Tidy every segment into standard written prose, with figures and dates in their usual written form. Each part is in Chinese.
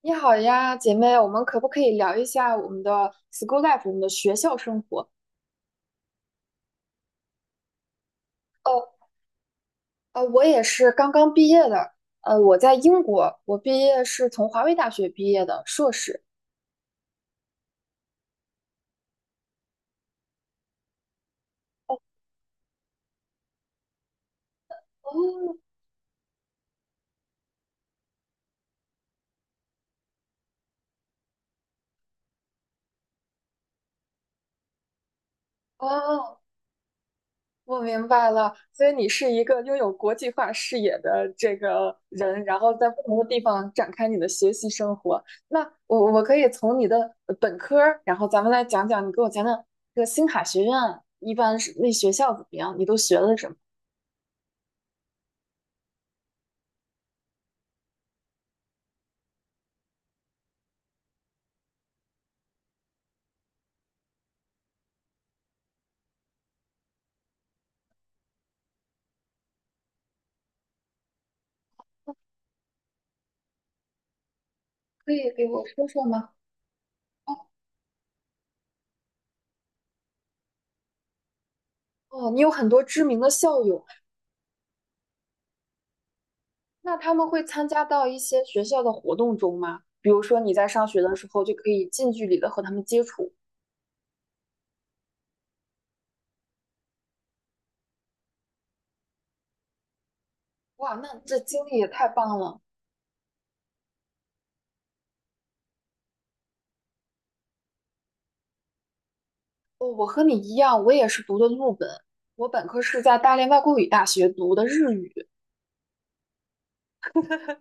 你好呀，姐妹，我们可不可以聊一下我们的 school life，我们的学校生活？哦，我也是刚刚毕业的，我在英国，我毕业是从华为大学毕业的硕士。哦，哦，我明白了，所以你是一个拥有国际化视野的这个人，然后在不同的地方展开你的学习生活。那我可以从你的本科儿，然后咱们来讲讲。你给我讲讲这个星卡学院一般是，那学校怎么样，你都学了什么？可以给我说说吗？哦，你有很多知名的校友。那他们会参加到一些学校的活动中吗？比如说你在上学的时候就可以近距离的和他们接触。哇，那这经历也太棒了！哦，我和你一样，我也是读的陆本，我本科是在大连外国语大学读的日语。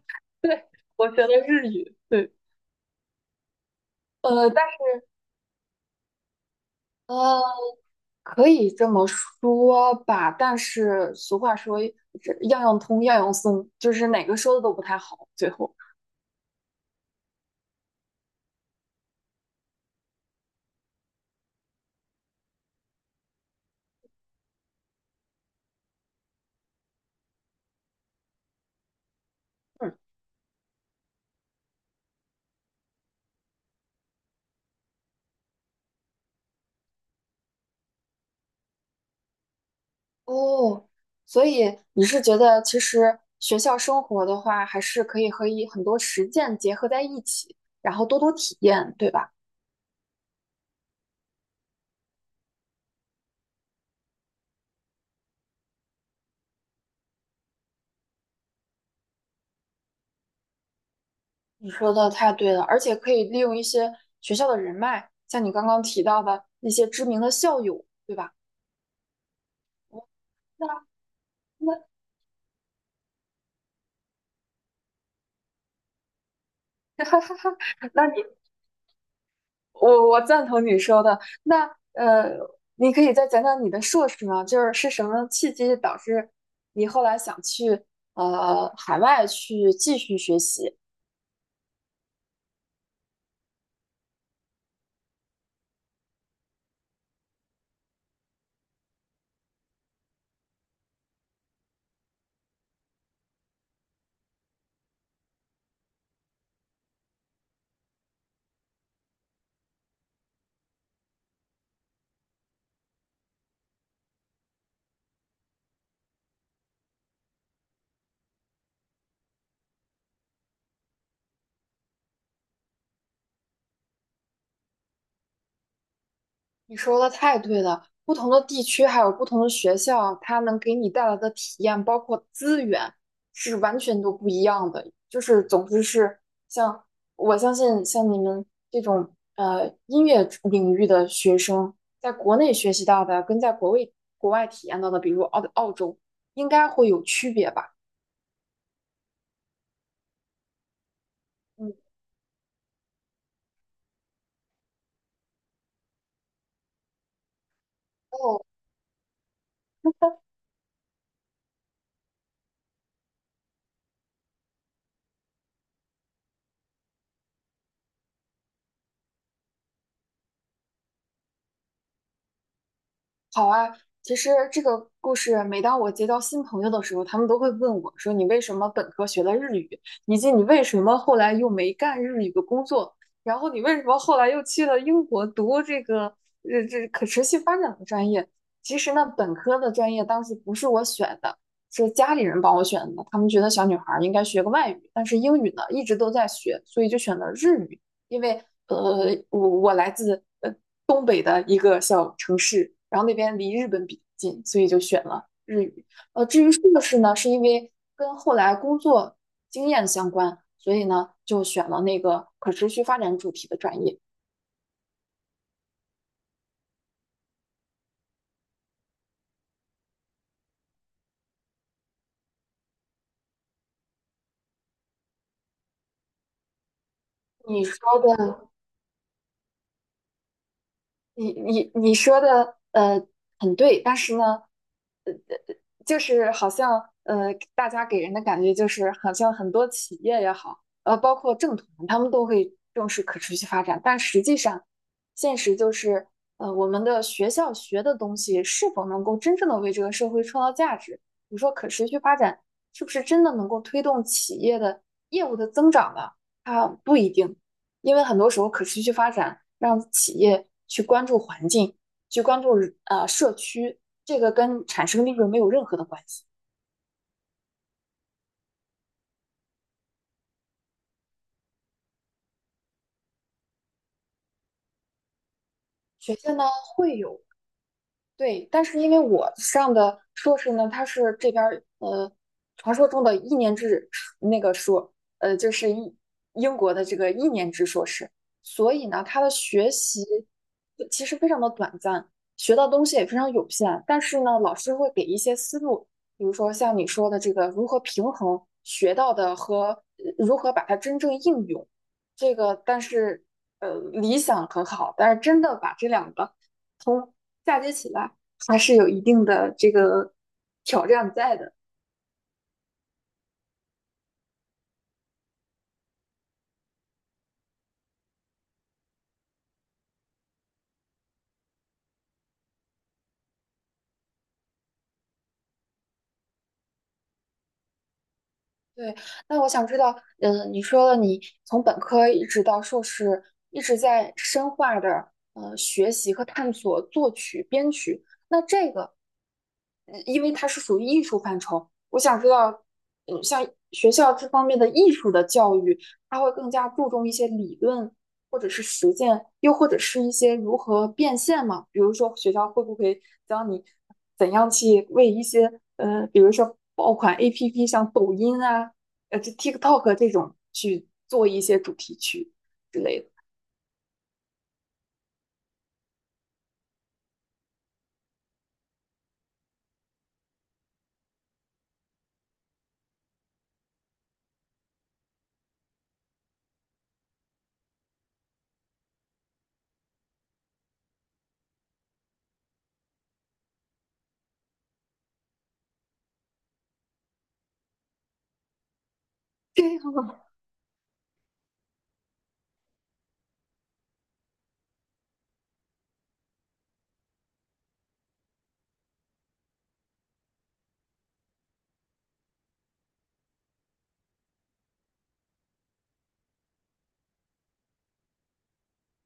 对，我学的日语，对。呃，但呃，可以这么说吧。但是俗话说，这样样通，样样松，就是哪个说的都不太好，最后。嗯。哦，所以你是觉得其实学校生活的话，还是可以和很多实践结合在一起，然后多多体验，对吧？你说的太对了，而且可以利用一些学校的人脉，像你刚刚提到的那些知名的校友，对吧？哦，那那 哈哈哈，那你我赞同你说的。呃，你可以再讲讲你的硕士吗？就是是什么契机导致你后来想去海外去继续学习？你说的太对了，不同的地区还有不同的学校，它能给你带来的体验，包括资源，是完全都不一样的。就是，总之是像，我相信，像你们这种音乐领域的学生，在国内学习到的，跟在国外体验到的，比如澳洲，应该会有区别吧？嗯，好啊。其实这个故事，每当我结交新朋友的时候，他们都会问我说："你为什么本科学了日语，以及你为什么后来又没干日语的工作？然后你为什么后来又去了英国读这个可持续发展的专业？"其实呢，本科的专业当时不是我选的，是家里人帮我选的。他们觉得小女孩儿应该学个外语，但是英语呢一直都在学，所以就选了日语。因为呃，我来自东北的一个小城市，然后那边离日本比较近，所以就选了日语。呃，至于硕士呢，是因为跟后来工作经验相关，所以呢就选了那个可持续发展主题的专业。你说的你说的很对，但是呢，呃呃就是好像呃大家给人的感觉就是好像很多企业也好，包括政团，他们都会重视可持续发展，但实际上现实就是，我们的学校学的东西是否能够真正的为这个社会创造价值？你说可持续发展是不是真的能够推动企业的业务的增长呢？它不一定。因为很多时候可持续发展让企业去关注环境，去关注社区，这个跟产生利润没有任何的关系。学校呢会有，对。但是因为我上的硕士呢，它是这边儿传说中的一年制那个硕，呃，就是英英国的这个一年制硕士，所以呢，他的学习其实非常的短暂，学到东西也非常有限。但是呢，老师会给一些思路，比如说像你说的这个如何平衡学到的和如何把它真正应用。这个但是理想很好，但是真的把这两个嫁接起来还是有一定的这个挑战在的。对，那我想知道，嗯，你说了你从本科一直到硕士，一直在深化的学习和探索作曲、编曲。那这个，嗯，因为它是属于艺术范畴，我想知道，嗯，像学校这方面的艺术的教育，它会更加注重一些理论，或者是实践，又或者是一些如何变现嘛？比如说学校会不会教你怎样去为一些，比如说爆款 APP，像抖音啊，TikTok 这种去做一些主题曲之类的。这样啊。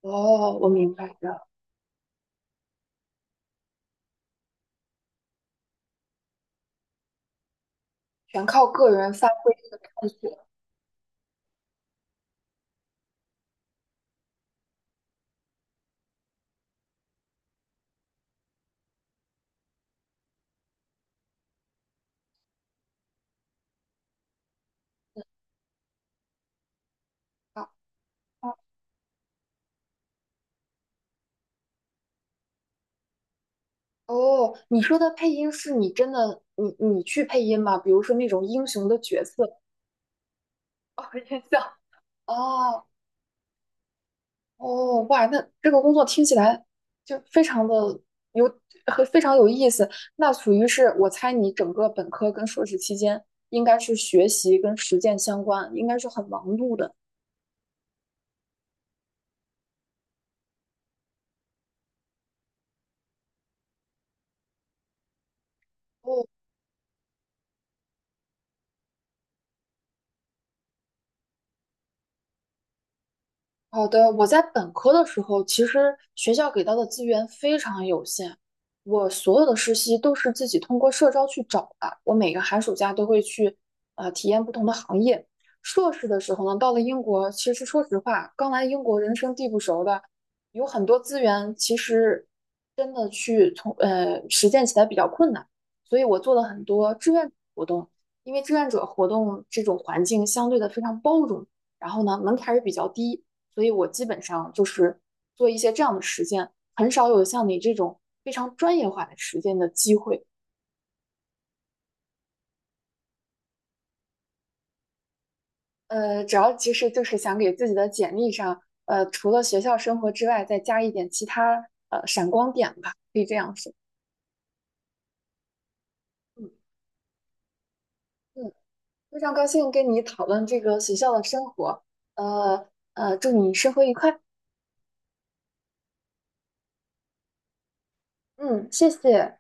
哦，我明白了，全靠个人发挥和探索。啊啊，哦，你说的配音是你真的，你你去配音吗？比如说那种英雄的角色。哦，印象。哦，哦，哇，那这个工作听起来就非常的有非常有意思。那属于是，我猜你整个本科跟硕士期间应该是学习跟实践相关，应该是很忙碌的。哦，好的，我在本科的时候，其实学校给到的资源非常有限，我所有的实习都是自己通过社招去找的。我每个寒暑假都会去，体验不同的行业。硕士的时候呢，到了英国，其实说实话，刚来英国人生地不熟的，有很多资源，其实真的去从实践起来比较困难。所以我做了很多志愿者活动，因为志愿者活动这种环境相对的非常包容，然后呢门槛儿也比较低。所以我基本上就是做一些这样的实践，很少有像你这种非常专业化的实践的机会。呃，主要其实就是想给自己的简历上，除了学校生活之外，再加一点其他闪光点吧，可以这样说。嗯嗯，非常高兴跟你讨论这个学校的生活，祝你生活愉快。嗯，谢谢。